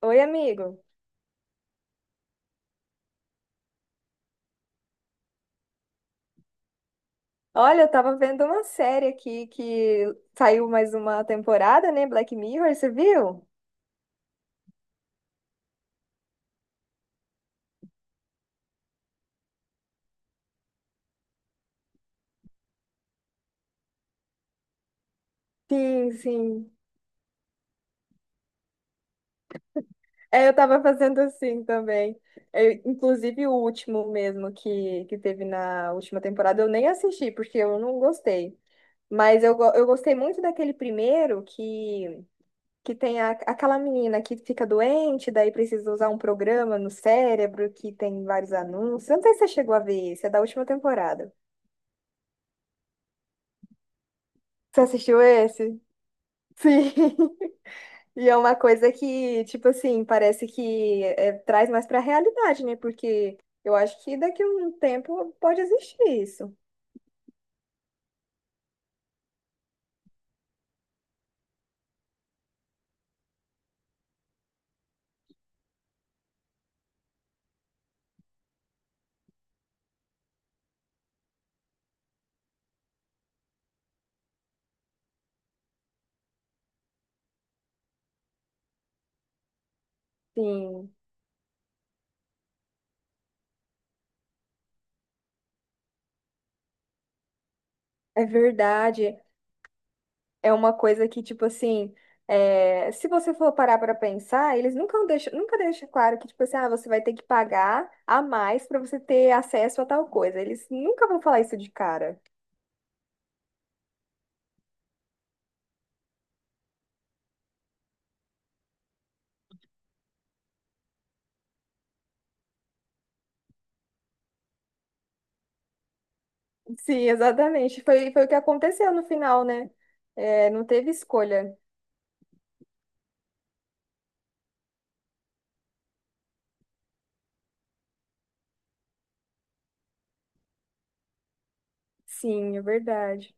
Oi, amigo. Olha, eu tava vendo uma série aqui que saiu mais uma temporada, né? Black Mirror, você viu? Sim, sim. É, eu tava fazendo assim também. Inclusive o último mesmo que teve na última temporada, eu nem assisti, porque eu não gostei. Mas eu gostei muito daquele primeiro que tem aquela menina que fica doente, daí precisa usar um programa no cérebro que tem vários anúncios. Eu não sei se você chegou a ver esse, é da última temporada. Você assistiu esse? Sim. E é uma coisa que, tipo assim, parece que é, traz mais pra realidade, né? Porque eu acho que daqui a um tempo pode existir isso. Sim, é verdade. É uma coisa que, tipo assim, se você for parar para pensar, eles nunca deixam claro que, tipo assim, ah, você vai ter que pagar a mais para você ter acesso a tal coisa. Eles nunca vão falar isso de cara. Sim, exatamente. Foi o que aconteceu no final, né? É, não teve escolha. Sim, é verdade.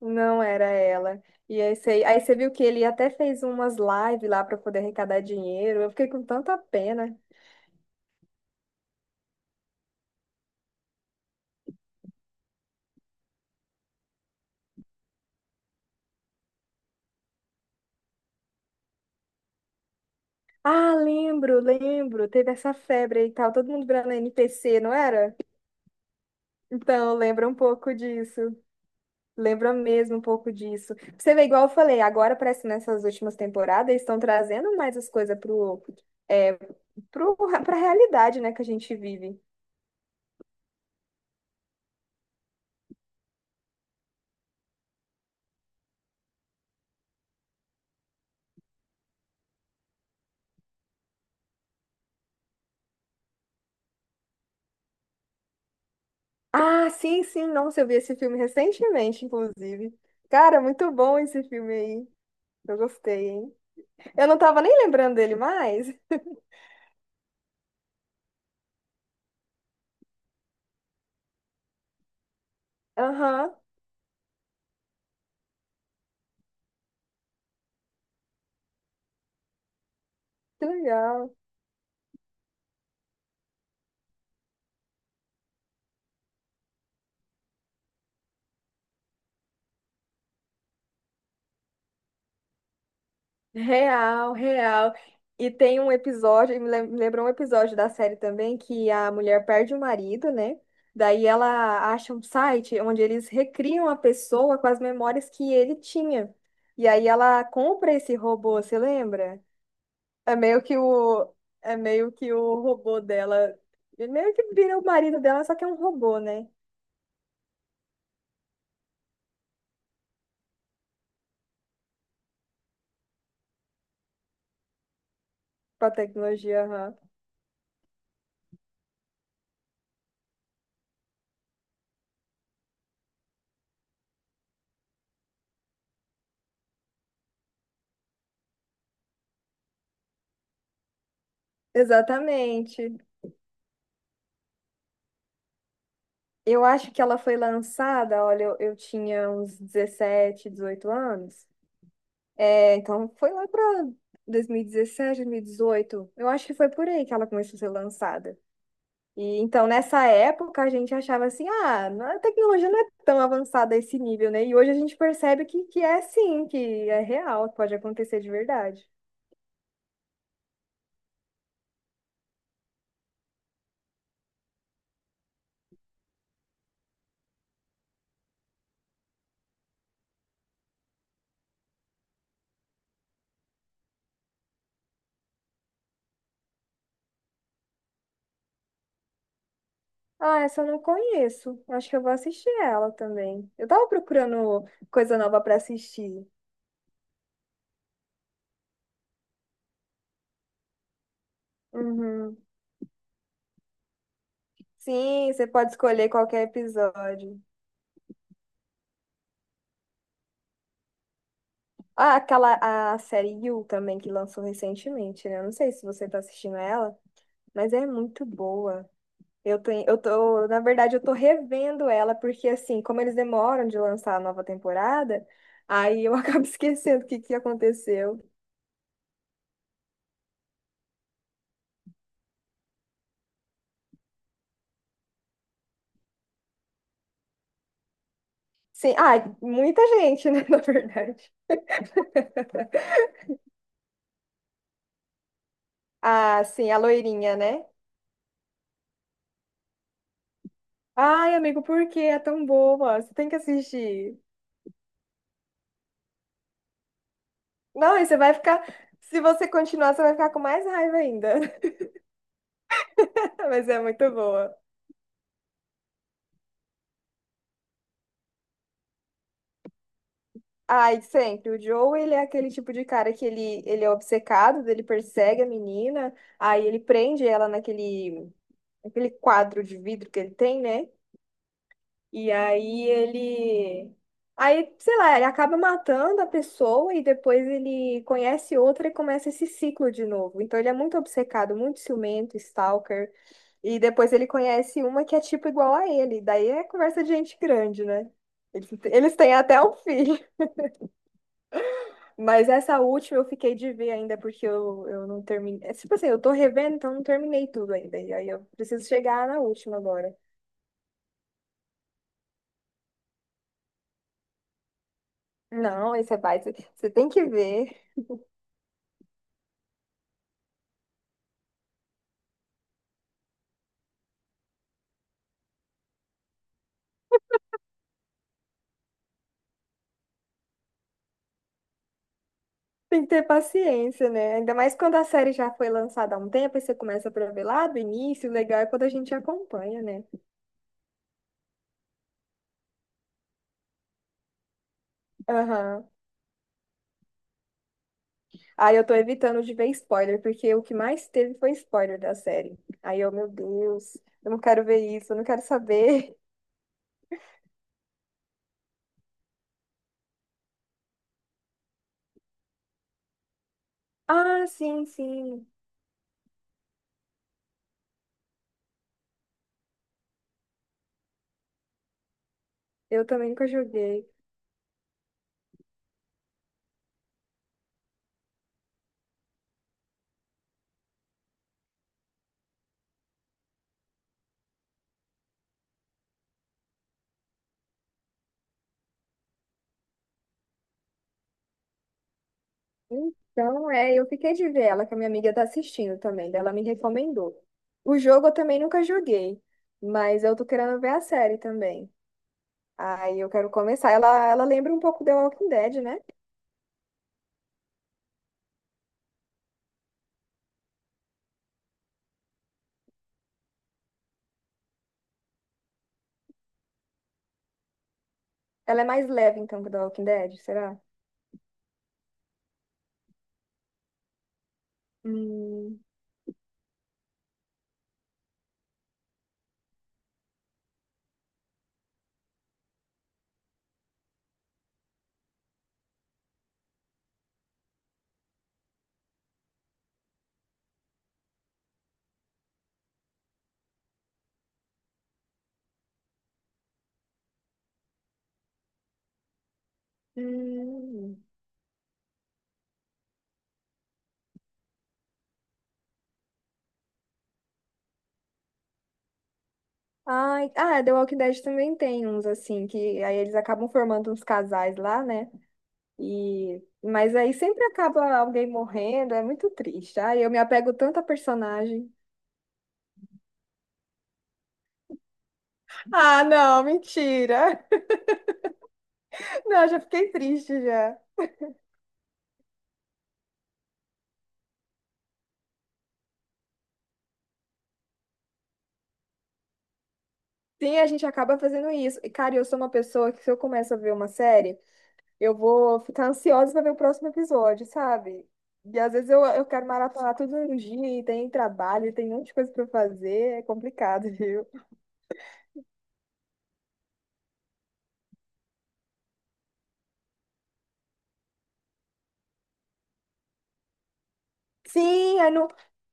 Não era ela. E aí você viu que ele até fez umas lives lá para poder arrecadar dinheiro. Eu fiquei com tanta pena. Ah, lembro, lembro. Teve essa febre aí e tal. Todo mundo virando NPC, não era? Então, lembra um pouco disso. Lembra mesmo um pouco disso. Você vê, igual eu falei, agora parece que nessas últimas temporadas eles estão trazendo mais as coisas é, pro, pra realidade, né, que a gente vive. Ah, sim, sim, nossa, eu vi esse filme recentemente, inclusive. Cara, muito bom esse filme aí. Eu gostei, hein? Eu não tava nem lembrando dele mais. Aham, que legal. Real, real. E tem um episódio, me lembrou um episódio da série também, que a mulher perde o marido, né? Daí ela acha um site onde eles recriam a pessoa com as memórias que ele tinha. E aí ela compra esse robô, você lembra? É meio que o, é meio que o robô dela. Ele meio que vira o marido dela, só que é um robô, né? Com a tecnologia. Aham. Exatamente. Eu acho que ela foi lançada, olha, eu tinha uns 17, 18 anos. É, então foi lá para 2017, dezoito. Eu acho que foi por aí que ela começou a ser lançada. E então, nessa época, a gente achava assim, ah, a tecnologia não é tão avançada a esse nível, né? E hoje a gente percebe que é sim, que é real, que pode acontecer de verdade. Ah, essa eu não conheço. Acho que eu vou assistir ela também. Eu tava procurando coisa nova pra assistir. Uhum. Sim, você pode escolher qualquer episódio. Ah, aquela a série You também que lançou recentemente, né? Eu não sei se você tá assistindo ela, mas é muito boa. Eu tô, na verdade, eu tô revendo ela, porque assim, como eles demoram de lançar a nova temporada, aí eu acabo esquecendo o que que aconteceu. Sim, ah, muita gente, né, na verdade. Ah, sim, a loirinha, né? Ai, amigo, por que é tão boa? Você tem que assistir. Não, e você vai ficar, se você continuar, você vai ficar com mais raiva ainda. Mas é muito boa. Ai, sempre. O Joe, ele é aquele tipo de cara que ele é obcecado, ele persegue a menina, aí ele prende ela naquele quadro de vidro que ele tem, né? E aí ele. Aí, sei lá, ele acaba matando a pessoa e depois ele conhece outra e começa esse ciclo de novo. Então ele é muito obcecado, muito ciumento, stalker. E depois ele conhece uma que é tipo igual a ele. Daí é conversa de gente grande, né? Eles têm até um filho. Mas essa última eu fiquei de ver ainda, porque eu não terminei. É, tipo assim, eu tô revendo, então eu não terminei tudo ainda. E aí eu preciso chegar na última agora. Não, aí você vai, você tem que ver. Tem que ter paciência, né? Ainda mais quando a série já foi lançada há um tempo, aí você começa pra ver lá do início, o legal é quando a gente acompanha, né? Aham. Aí eu tô evitando de ver spoiler, porque o que mais teve foi spoiler da série. Aí eu, meu Deus, eu não quero ver isso, eu não quero saber. Ah, sim, sim. Eu também nunca joguei. Então, eu fiquei de ver ela, que a minha amiga tá assistindo também, daí ela me recomendou. O jogo eu também nunca joguei, mas eu tô querendo ver a série também. Aí eu quero começar. Ela lembra um pouco The Walking Dead, né? Ela é mais leve, então, que The Walking Dead, será? Hum, hum. Ai, ah, The Walking Dead também tem uns assim, que aí eles acabam formando uns casais lá, né? E, mas aí sempre acaba alguém morrendo, é muito triste. Ai, eu me apego tanto a personagem. Ah, não, mentira. Não, já fiquei triste já. Sim, a gente acaba fazendo isso. E, cara, eu sou uma pessoa que se eu começo a ver uma série, eu vou ficar ansiosa pra ver o próximo episódio, sabe? E às vezes eu quero maratonar tudo no dia e tem trabalho, tem um monte de coisa pra fazer, é complicado, viu? Sim, aí não,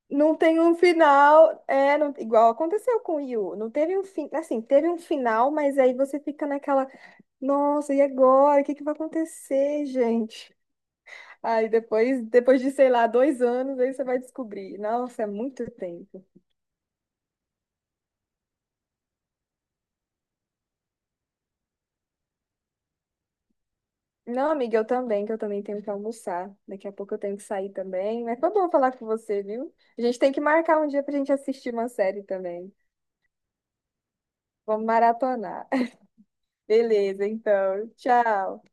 não tem um final, igual aconteceu com o Yu, não teve um fim, assim, teve um final, mas aí você fica naquela, nossa, e agora? O que que vai acontecer, gente? Aí depois de, sei lá, 2 anos, aí você vai descobrir. Nossa, é muito tempo. Não, amiga, eu também, que eu também tenho que almoçar. Daqui a pouco eu tenho que sair também. Mas foi bom falar com você, viu? A gente tem que marcar um dia pra gente assistir uma série também. Vamos maratonar. Beleza, então. Tchau.